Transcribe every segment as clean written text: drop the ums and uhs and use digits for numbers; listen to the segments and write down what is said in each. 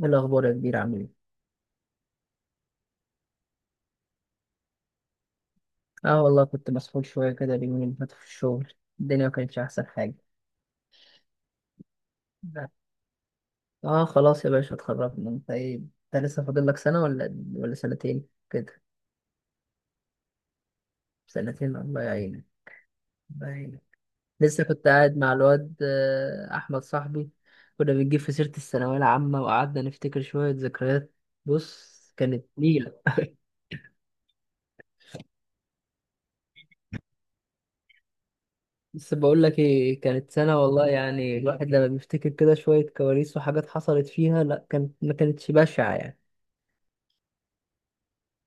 ايه الأخبار يا كبير عامل ايه؟ اه والله كنت مسحول شوية كده اليومين اللي فاتوا في الشغل. الدنيا ما كانتش أحسن حاجة. لا. اه خلاص يا باشا اتخرجنا، انت ايه، انت لسه فاضل لك سنة ولا سنتين كده؟ سنتين، الله يعينك، الله يعينك. لسه كنت قاعد مع الواد أحمد صاحبي. كنا بنجيب في سيرة الثانوية العامة وقعدنا نفتكر شوية ذكريات. بص كانت نيلة. بس بقول لك ايه، كانت سنة والله، يعني الواحد لما بيفتكر كده شوية كواليس وحاجات حصلت فيها، لا كانت ما كانتش بشعة يعني.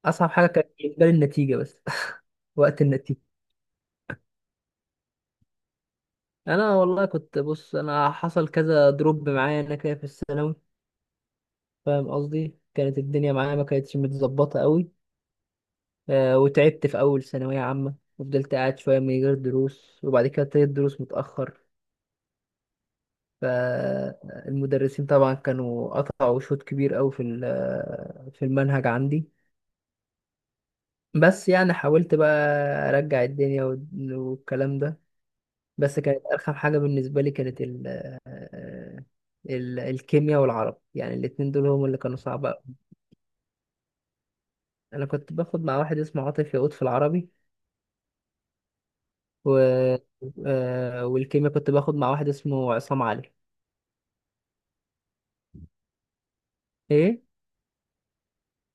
أصعب حاجة كانت بالنسبة لي النتيجة بس. وقت النتيجة. أنا والله كنت بص، أنا حصل كذا دروب معايا أنا كده في الثانوي، فاهم قصدي؟ كانت الدنيا معايا ما كانتش متظبطة قوي. آه وتعبت في أول ثانوية عامة وفضلت قاعد شوية من غير دروس، وبعد كده ابتديت دروس متأخر. فالمدرسين طبعا كانوا قطعوا شوط كبير قوي في ال- آه، في المنهج عندي. بس يعني حاولت بقى ارجع الدنيا والكلام ده. بس كانت ارخم حاجه بالنسبه لي كانت ال الكيمياء والعربي، يعني الاتنين دول هم اللي كانوا صعب أوي. انا كنت باخد مع واحد اسمه عاطف يقود في العربي، و... آه، والكيمياء كنت باخد مع واحد اسمه عصام علي. ايه.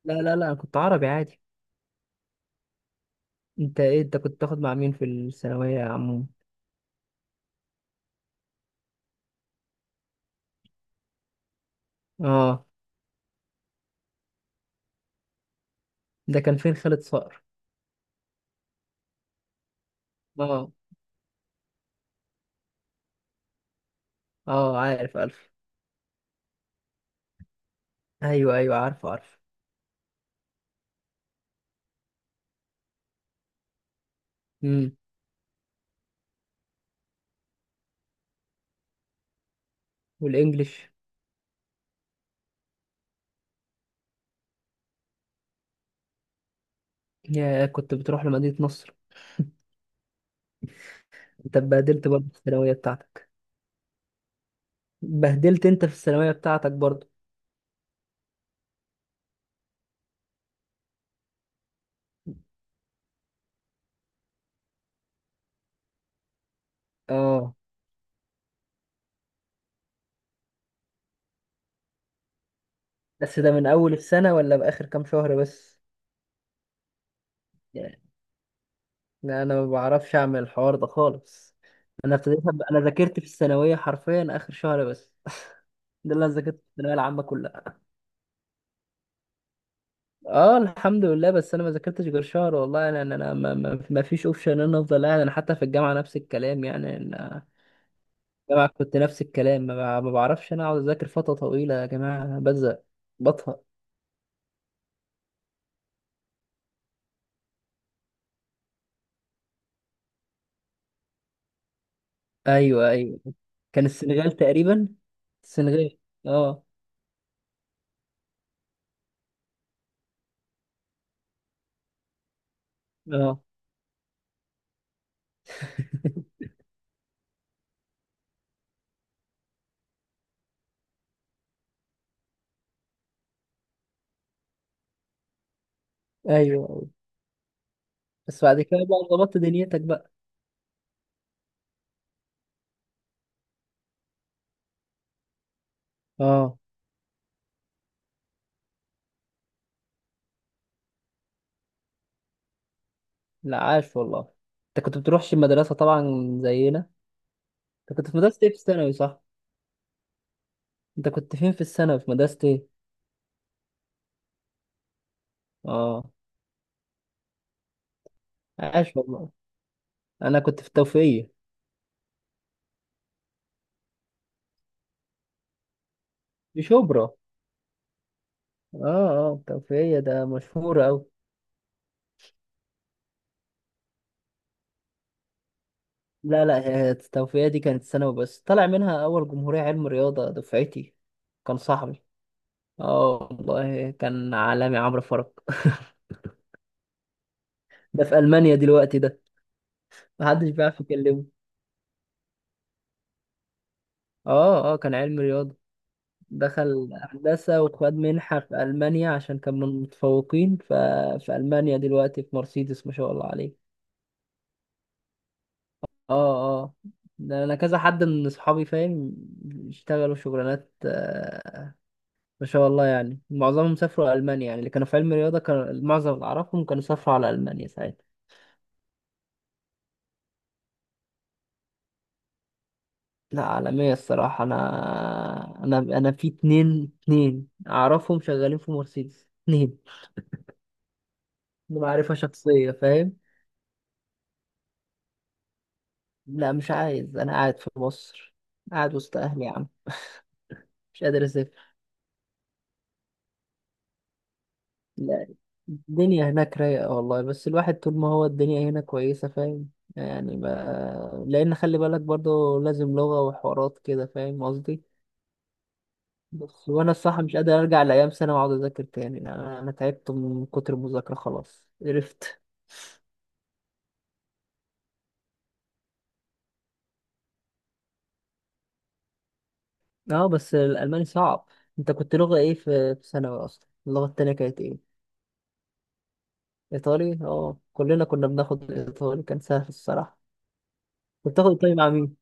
لا انا كنت عربي عادي. انت ايه، انت كنت تاخد مع مين في الثانويه يا عمو؟ اه. ده كان فين خالد صقر؟ اه اه عارف الف. ايوه ايوه عارف عارف. امم. والانجليش؟ يا كنت بتروح لمدينة نصر؟ انت اتبهدلت برضه في الثانوية بتاعتك؟ اتبهدلت انت في الثانوية بتاعتك برضه؟ اه. بس ده من اول السنة ولا بآخر كام شهر بس؟ يعني. لا، انا ما بعرفش اعمل الحوار ده خالص. انا انا ذاكرت في الثانوية حرفيا اخر شهر بس. ده اللي انا ذاكرت في الثانوية العامة كلها. اه الحمد لله، بس انا ما ذاكرتش غير شهر والله. انا انا أنا ما فيش اوبشن ان انا افضل قاعد. انا حتى في الجامعة نفس الكلام، يعني أنا الجامعة كنت نفس الكلام، ما بعرفش انا اقعد اذاكر فترة طويلة يا جماعة، بزهق، بطهق. ايوه ايوه. كان السنغال تقريبا. السنغال. اه اه. ايوه. أيوة. بس بعد كده بقى ظبطت دنيتك بقى؟ اه. لا عاش والله. انت كنت بتروحش المدرسة طبعا زينا؟ انت كنت في مدرسة ايه في الثانوي صح؟ انت كنت فين في الثانوي، في مدرسة ايه؟ اه عاش والله. انا كنت في التوفيقية، في شبرا. اه اه التوفيقية ده مشهورة اوي. لا لا، هي التوفيقية دي كانت ثانوي بس، طلع منها أول جمهورية علم رياضة دفعتي. كان صاحبي. اه والله كان عالمي، عمرو فرج. ده في ألمانيا دلوقتي ده، محدش بيعرف يكلمه. اه اه كان علم رياضة، دخل هندسة وخد منحة في ألمانيا عشان كان من المتفوقين، ففي ألمانيا دلوقتي في مرسيدس ما شاء الله عليه. اه اه. ده أنا كذا حد من أصحابي فاهم، اشتغلوا شغلانات ما شاء الله، يعني معظمهم سافروا ألمانيا. يعني اللي كانوا في علم الرياضة كان معظم اللي أعرفهم كانوا سافروا على ألمانيا ساعتها. لا عالمية الصراحة. أنا في اتنين أعرفهم شغالين في مرسيدس، اتنين معرفة شخصية فاهم. لا مش عايز، أنا قاعد في مصر، قاعد وسط أهلي يا عم، مش قادر أسافر. لا الدنيا هناك رايقة والله، بس الواحد طول ما هو الدنيا هنا كويسة فاهم، يعني ما... لأن خلي بالك برضه لازم لغة وحوارات كده فاهم قصدي. بس وانا الصراحه مش قادر ارجع لايام سنه واقعد اذاكر تاني. أنا تعبت من كتر المذاكره خلاص قرفت. اه بس الالماني صعب. انت كنت لغه ايه في في ثانوي اصلا؟ اللغه التانيه كانت ايه؟ ايطالي. اه كلنا كنا بناخد ايطالي، كان سهل الصراحه. كنت تاخد ايطالي مع مين؟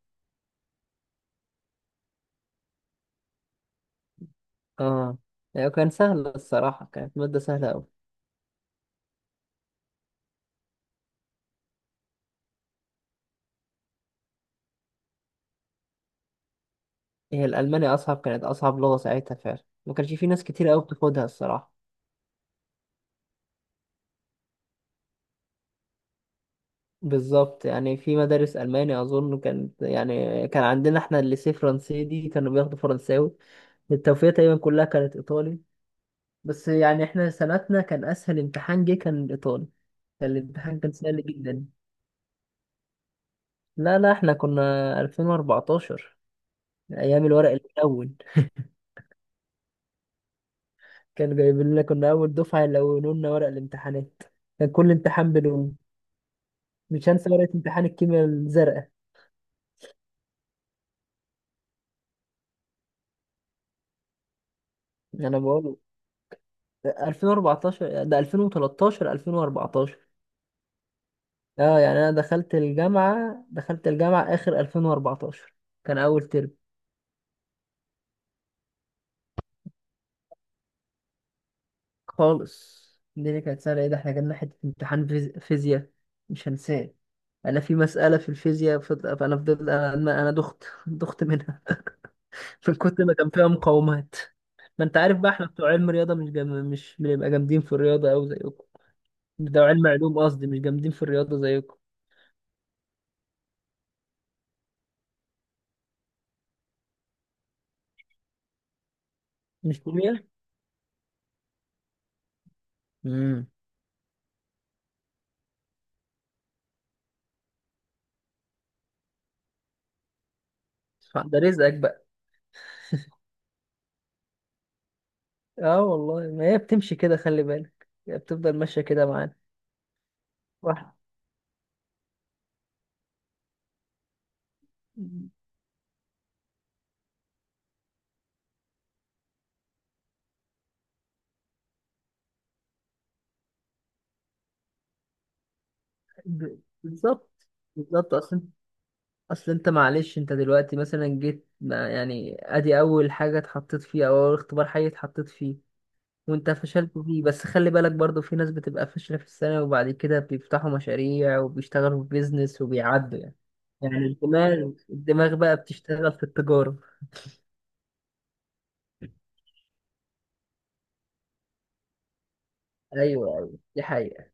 اه. يعني كان سهل الصراحه، كانت ماده سهله قوي. هي الالماني اصعب، كانت اصعب لغه ساعتها فعلا، ما كانش في ناس كتير قوي بتاخدها الصراحه. بالظبط، يعني في مدارس ألماني أظن كانت، يعني كان عندنا احنا الليسيه فرنسي دي كانوا بياخدوا فرنساوي، التوفيق تقريبا كلها كانت إيطالي. بس يعني احنا سنتنا كان أسهل امتحان جه كان الإيطالي، كان الامتحان كان سهل جدا. لا احنا كنا 2014، أيام الورق الأول. كانوا جايبين لنا، كنا أول دفعة يلونوا لنا ورق الامتحانات، كان كل امتحان بلون، مش هنسى ورقة امتحان الكيمياء الزرقاء. أنا بقول 2014، ده 2013 2014. اه يعني انا دخلت الجامعة اخر 2014، كان اول ترم. خالص. الدنيا كانت سهلة، ايه ده احنا جالنا حتة امتحان فيزياء مش هنساه. انا في مسألة في الفيزياء فض- فانا فضلت، انا دخت، دخت منها من كتر ما كان فيها مقاومات. ما انت عارف بقى احنا بتوع علم رياضة، مش جم... مش بنبقى جامدين في الرياضة اوي زيكم. بتوع علم علوم قصدي، مش جامدين في الرياضة زيكم. مش كيمياء. امم. ده رزقك بقى. اه والله، ما هي بتمشي كده، خلي بالك هي بتفضل ماشية كده معانا. واحد. بالظبط. بالظبط اصلا. اصل انت معلش، انت دلوقتي مثلا جيت، ما يعني ادي اول حاجة اتحطيت فيها او اول اختبار حي اتحطيت فيه وانت فشلت فيه. بس خلي بالك برضو في ناس بتبقى فاشلة في السنة، وبعد كده بيفتحوا مشاريع وبيشتغلوا في بيزنس وبيعدوا، يعني يعني الدماغ بقى بتشتغل في التجارة. ايوه ايوه دي حقيقة.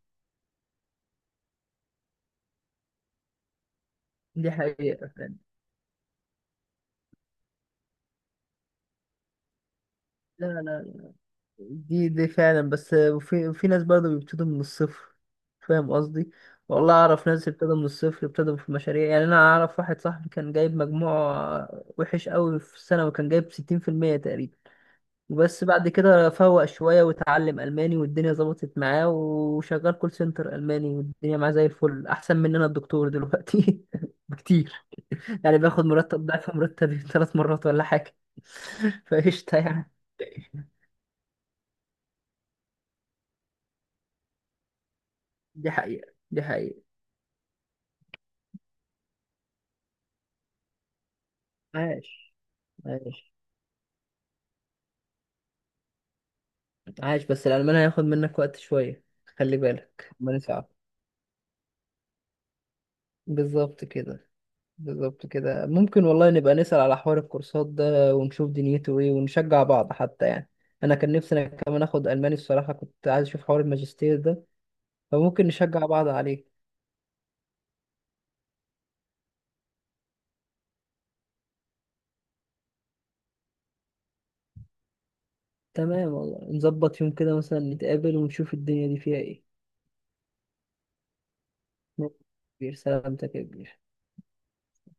دي حقيقة فعلا. لا لا، دي فعلا، بس في ناس برضه بيبتدوا من الصفر فاهم قصدي. والله اعرف ناس ابتدوا من الصفر، ابتدوا في مشاريع، يعني انا اعرف واحد صاحبي كان جايب مجموع وحش قوي في السنه، وكان جايب 60% تقريبا، وبس بعد كده فوق شويه وتعلم الماني والدنيا ظبطت معاه، وشغال كول سنتر الماني والدنيا معاه زي الفل، احسن مننا الدكتور دلوقتي بكتير، يعني بياخد مرتب ضعف مرتبي ثلاث مرات ولا حاجه. فقشطه يعني. دي حقيقه دي حقيقه. عاش عاش عاش. بس الألمان هياخد منك وقت شوية، خلي بالك الماني صعب. بالظبط كده. بالظبط كده. ممكن والله نبقى نسأل على حوار الكورسات ده ونشوف دنيته ايه ونشجع بعض حتى يعني. انا كان نفسي انا كمان اخد الماني الصراحة، كنت عايز اشوف حوار الماجستير ده، فممكن نشجع بعض عليه. تمام والله، نظبط يوم كده مثلا نتقابل ونشوف الدنيا دي فيها ايه. ماشي يا كبير، سلامتك يا كبير.